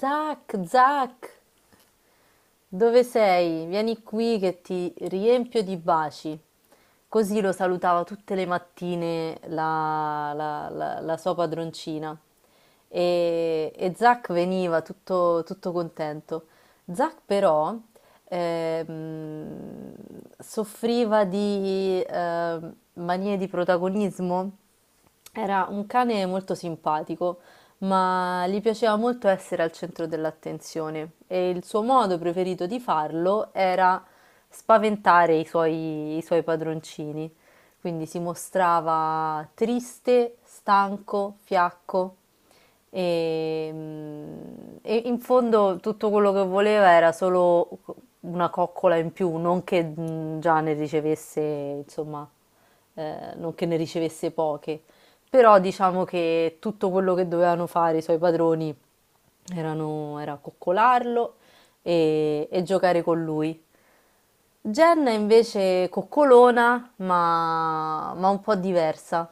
Zac, Zac, dove sei? Vieni qui che ti riempio di baci. Così lo salutava tutte le mattine la sua padroncina. E Zac veniva tutto contento. Zac però ehm, soffriva di manie di protagonismo, era un cane molto simpatico, ma gli piaceva molto essere al centro dell'attenzione e il suo modo preferito di farlo era spaventare i suoi padroncini. Quindi si mostrava triste, stanco, fiacco e, e in fondo tutto quello che voleva era solo una coccola in più, non che già ne ricevesse, insomma, non che ne ricevesse poche. Però diciamo che tutto quello che dovevano fare i suoi padroni era coccolarlo e giocare con lui. Jen è invece coccolona, ma un po' diversa.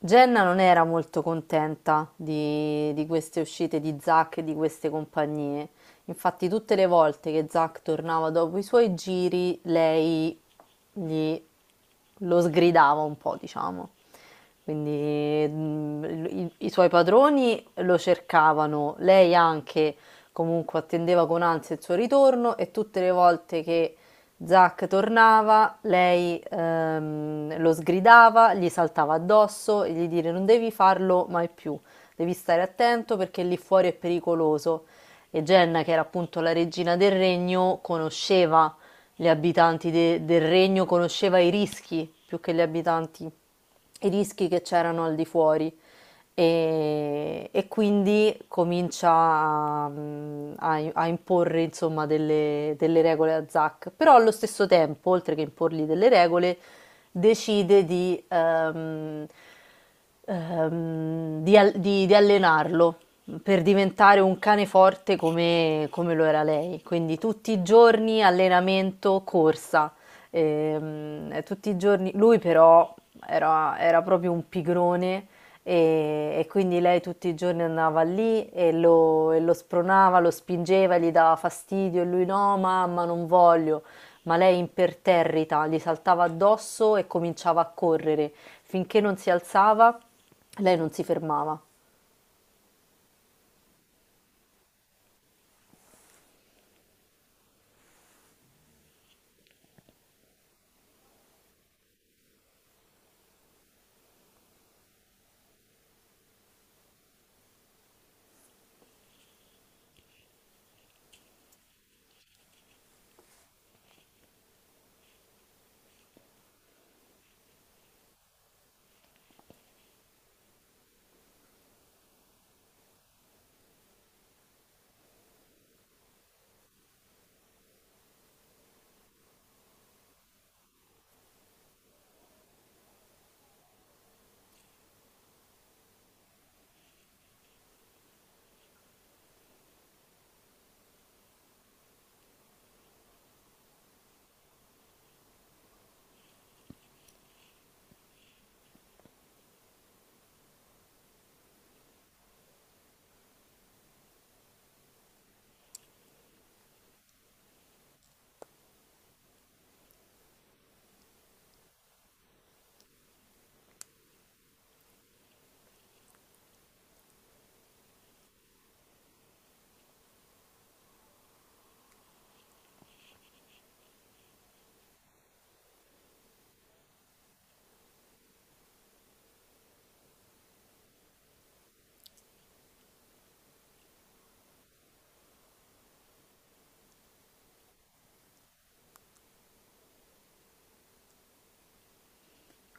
Jenna non era molto contenta di queste uscite di Zack e di queste compagnie. Infatti, tutte le volte che Zack tornava dopo i suoi giri, lei gli lo sgridava un po', diciamo. Quindi i suoi padroni lo cercavano, lei anche comunque attendeva con ansia il suo ritorno e tutte le volte che Zac tornava, lei lo sgridava, gli saltava addosso e gli dire non devi farlo mai più, devi stare attento perché lì fuori è pericoloso. E Jenna, che era appunto la regina del regno, conosceva del regno, conosceva i rischi più che gli abitanti, i rischi che c'erano al di fuori, e quindi comincia a imporre insomma delle regole a Zack, però allo stesso tempo, oltre che imporgli delle regole, decide di allenarlo per diventare un cane forte come lo era lei. Quindi tutti i giorni allenamento, corsa. Tutti i giorni, lui però era proprio un pigrone e quindi lei tutti i giorni andava lì e lo spronava, lo spingeva, gli dava fastidio e lui no, mamma, non voglio. Ma lei imperterrita gli saltava addosso e cominciava a correre. Finché non si alzava, lei non si fermava.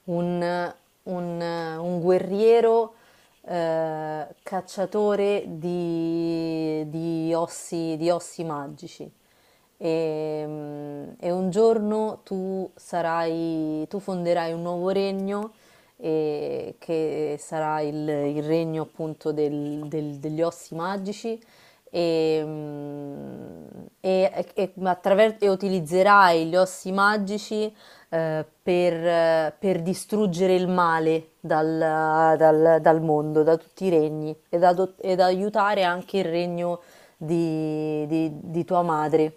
un, un guerriero, cacciatore di ossi magici. E un giorno tu sarai, tu fonderai un nuovo regno e che sarà il regno appunto degli ossi magici e, e utilizzerai gli ossi magici, per distruggere il male dal mondo, da tutti i regni, ed, ed aiutare anche il regno di tua madre.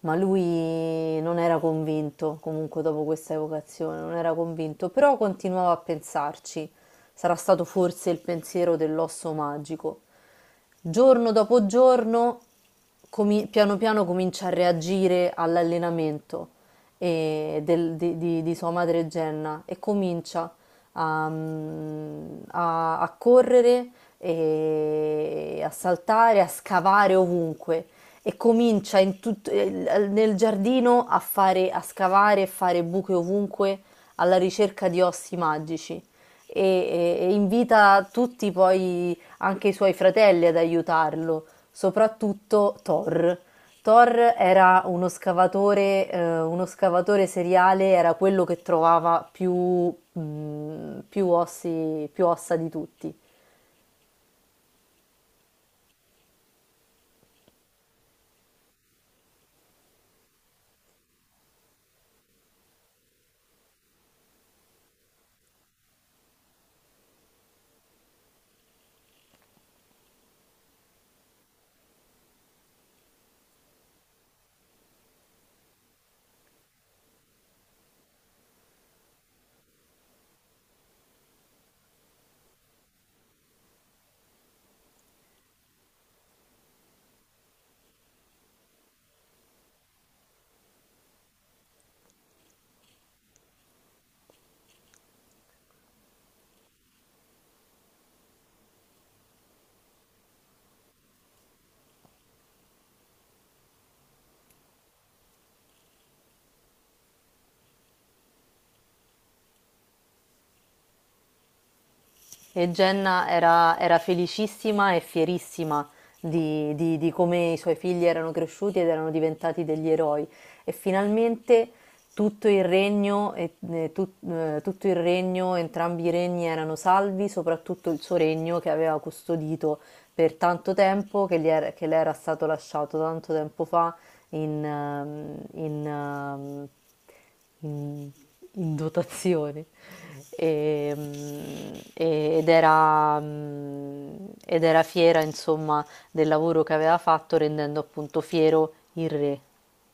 Ma lui non era convinto, comunque dopo questa evocazione, non era convinto, però continuava a pensarci. Sarà stato forse il pensiero dell'osso magico. Giorno dopo giorno, piano piano comincia a reagire all'allenamento, di sua madre Jenna, e comincia a, a correre, e a saltare, a scavare ovunque e comincia nel giardino a fare, a scavare e fare buche ovunque alla ricerca di ossi magici. E, e invita tutti poi, anche i suoi fratelli, ad aiutarlo, soprattutto Thor. Thor era uno scavatore seriale, era quello che trovava più, più ossi, più ossa di tutti. E Jenna era, era felicissima e fierissima di come i suoi figli erano cresciuti ed erano diventati degli eroi. E finalmente tutto il regno, tutto il regno, entrambi i regni erano salvi, soprattutto il suo regno che aveva custodito per tanto tempo, che le era stato lasciato tanto tempo fa in, ehm, in, ehm, in- in dotazione. E, ed era, ed era fiera, insomma, del lavoro che aveva fatto, rendendo appunto fiero il re.